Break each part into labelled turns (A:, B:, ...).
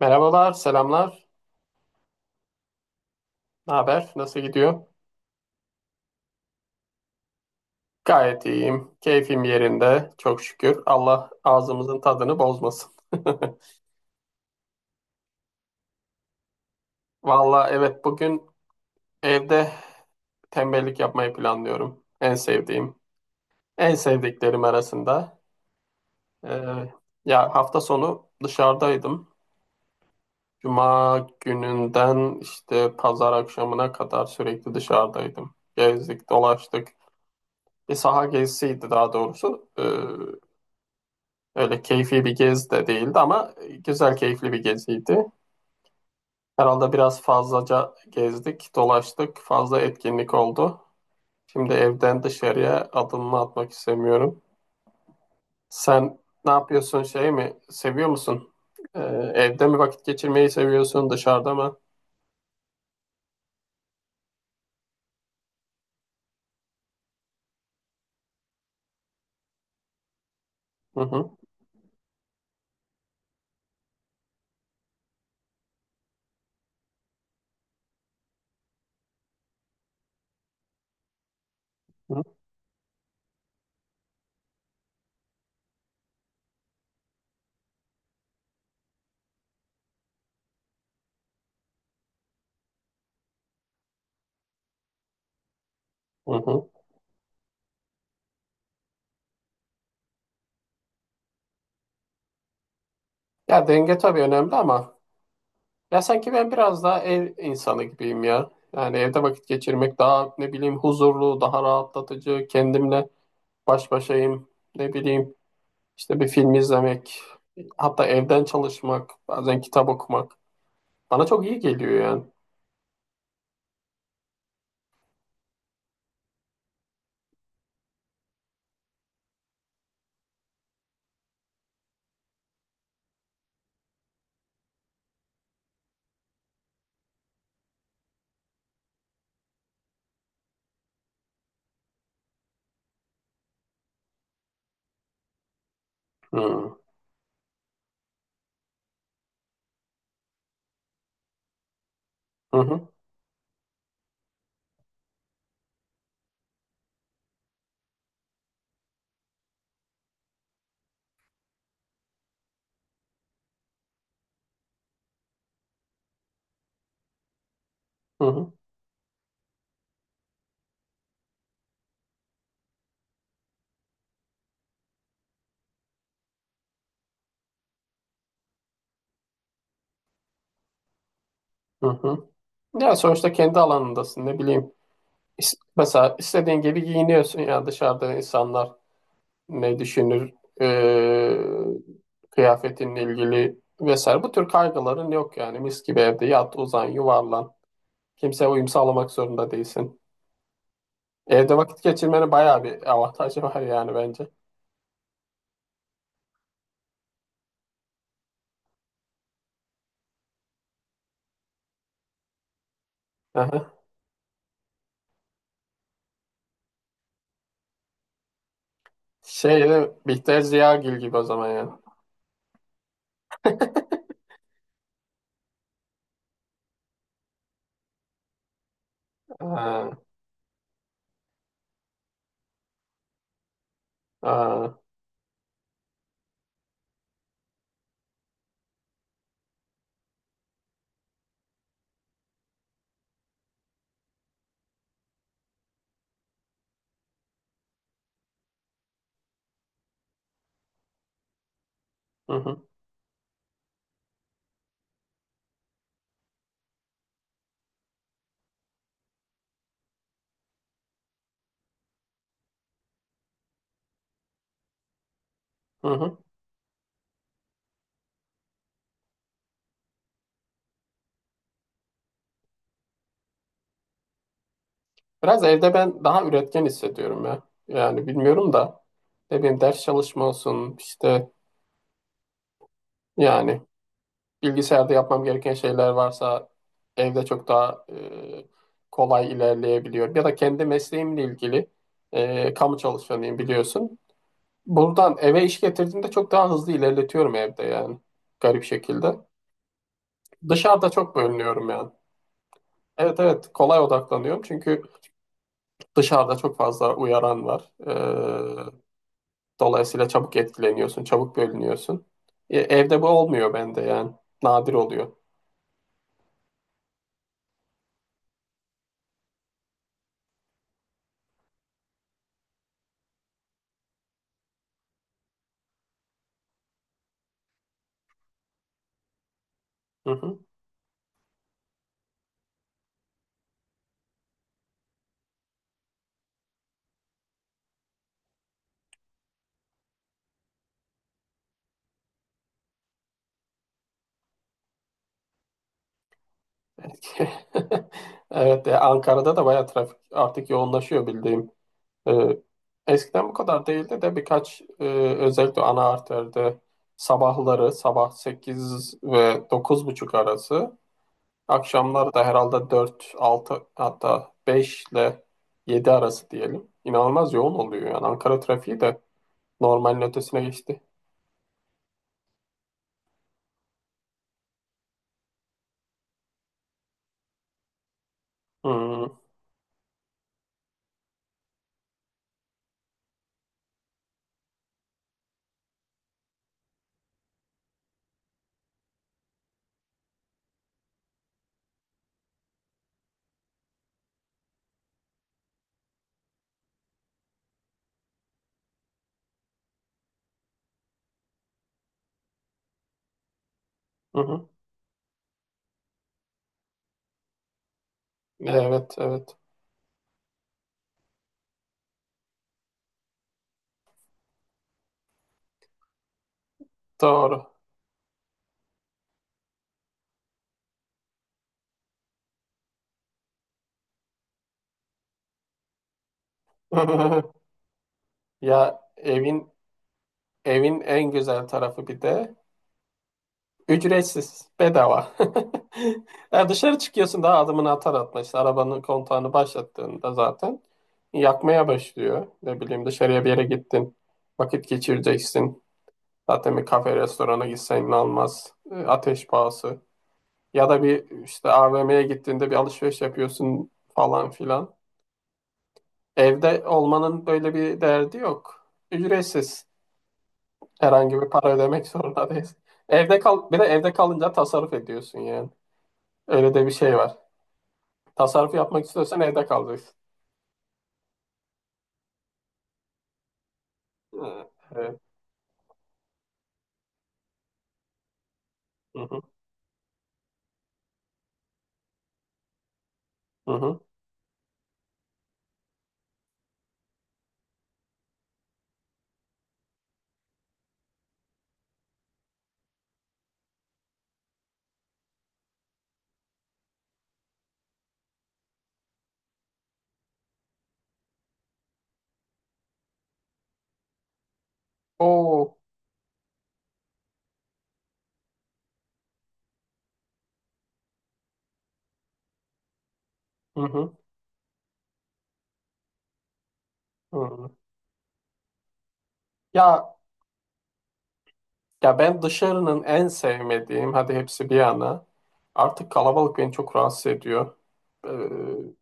A: Merhabalar, selamlar. Ne haber? Nasıl gidiyor? Gayet iyiyim. Keyfim yerinde. Çok şükür. Allah ağzımızın tadını bozmasın. Valla evet bugün evde tembellik yapmayı planlıyorum. En sevdiğim. En sevdiklerim arasında. Ee, ya hafta sonu dışarıdaydım. Cuma gününden işte pazar akşamına kadar sürekli dışarıdaydım. Gezdik, dolaştık. Bir saha gezisiydi daha doğrusu. Öyle keyfi bir gez de değildi ama güzel keyifli bir geziydi. Herhalde biraz fazlaca gezdik, dolaştık, fazla etkinlik oldu. Şimdi evden dışarıya adımımı atmak istemiyorum. Sen ne yapıyorsun, şey mi? Seviyor musun? Ee, evde mi vakit geçirmeyi seviyorsun, dışarıda mı? Hı hı, hı hı, hı. Ya denge tabii önemli ama ya sanki ben biraz daha ev insanı gibiyim ya. Yani evde vakit geçirmek daha ne bileyim huzurlu, daha rahatlatıcı, kendimle baş başayım, ne bileyim işte bir film izlemek, hatta evden çalışmak, bazen kitap okumak bana çok iyi geliyor yani. Hmm. Hı hı, hı hı, hı hı. Ya sonuçta kendi alanındasın ne bileyim. Mesela istediğin gibi giyiniyorsun ya dışarıda insanlar ne düşünür, ee, kıyafetinle ilgili vesaire. Bu tür kaygıların yok yani mis gibi evde yat, uzan, yuvarlan. Kimseye uyum sağlamak zorunda değilsin. Evde vakit geçirmenin bayağı bir avantajı var yani bence. Aha. Şey de Bihter Ziyagil gibi o zaman yani. Aa, aa. Hı hı, hı hı. Biraz evde ben daha üretken hissediyorum ya. Yani bilmiyorum da ne bileyim ders çalışma olsun işte yani bilgisayarda yapmam gereken şeyler varsa evde çok daha kolay ilerleyebiliyorum. Ya da kendi mesleğimle ilgili kamu çalışanıyım biliyorsun. Buradan eve iş getirdiğimde çok daha hızlı ilerletiyorum evde yani garip şekilde. Dışarıda çok bölünüyorum yani. Evet, evet, kolay odaklanıyorum çünkü dışarıda çok fazla uyaran var. Dolayısıyla çabuk etkileniyorsun, çabuk bölünüyorsun. Evde bu olmuyor bende yani nadir oluyor. Hı hı. Evet, Ankara'da da bayağı trafik artık yoğunlaşıyor bildiğim. Ee, eskiden bu kadar değildi de birkaç özellikle ana arterde sabahları sabah 8 ve 9.30 arası, akşamlar da herhalde 4 6, hatta 5 ile 7 arası diyelim. İnanılmaz yoğun oluyor yani. Ankara trafiği de normalin ötesine geçti. Hmm, hı hı. Evet, evet. Doğru. Ya evin en güzel tarafı bir de ücretsiz, bedava. Ya dışarı çıkıyorsun daha adımını atar atmaz. İşte arabanın kontağını başlattığında zaten yakmaya başlıyor. Ne bileyim dışarıya bir yere gittin, vakit geçireceksin. Zaten bir kafe restorana gitsen almaz. Ateş pahası. Ya da bir işte AVM'ye gittiğinde bir alışveriş yapıyorsun falan filan. Evde olmanın böyle bir derdi yok. Ücretsiz. Herhangi bir para ödemek zorunda değilsin. Evde kal, bir de evde kalınca tasarruf ediyorsun yani. Öyle de bir şey var. Tasarruf yapmak istiyorsan evde kalacaksın. Ee, Evet. Hı hı. Hı hı. Oo. Hı hı. Hı hı. Ya Ya ben dışarının en sevmediğim, hadi hepsi bir yana. Artık kalabalık beni çok rahatsız ediyor. Ee,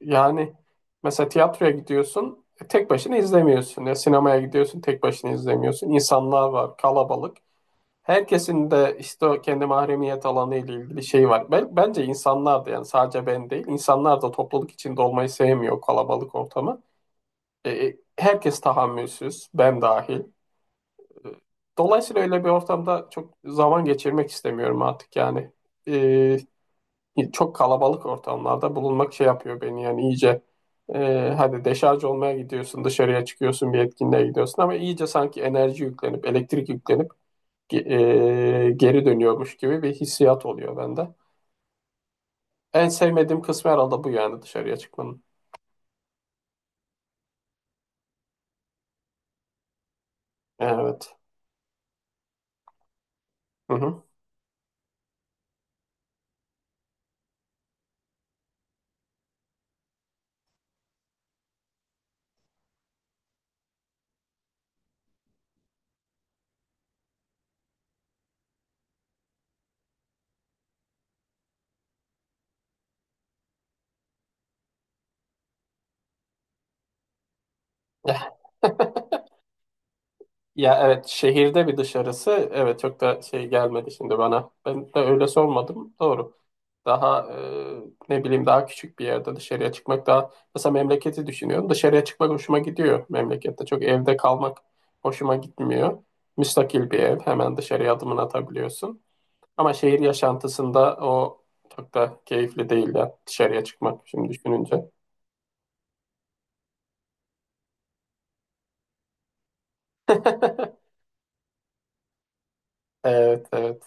A: yani mesela tiyatroya gidiyorsun, tek başına izlemiyorsun. Ya sinemaya gidiyorsun, tek başına izlemiyorsun. İnsanlar var, kalabalık. Herkesin de işte o kendi mahremiyet alanı ile ilgili şey var. Ben, bence insanlar da yani sadece ben değil, insanlar da topluluk içinde olmayı sevmiyor kalabalık ortamı. Herkes tahammülsüz, ben dahil. Dolayısıyla öyle bir ortamda çok zaman geçirmek istemiyorum artık yani. Ee, çok kalabalık ortamlarda bulunmak şey yapıyor beni yani iyice, hadi deşarj olmaya gidiyorsun, dışarıya çıkıyorsun, bir etkinliğe gidiyorsun ama iyice sanki enerji yüklenip, elektrik yüklenip ge- geri dönüyormuş gibi bir hissiyat oluyor bende. En sevmediğim kısmı herhalde bu yani dışarıya çıkmanın. Evet. Hı hı. Ya evet, şehirde bir dışarısı evet çok da şey gelmedi şimdi bana. Ben de öyle sormadım. Doğru. Daha ne bileyim daha küçük bir yerde dışarıya çıkmak daha, mesela memleketi düşünüyorum. Dışarıya çıkmak hoşuma gidiyor memlekette. Çok evde kalmak hoşuma gitmiyor. Müstakil bir ev, hemen dışarıya adımını atabiliyorsun. Ama şehir yaşantısında o çok da keyifli değil ya dışarıya çıkmak şimdi düşününce. Evet, evet.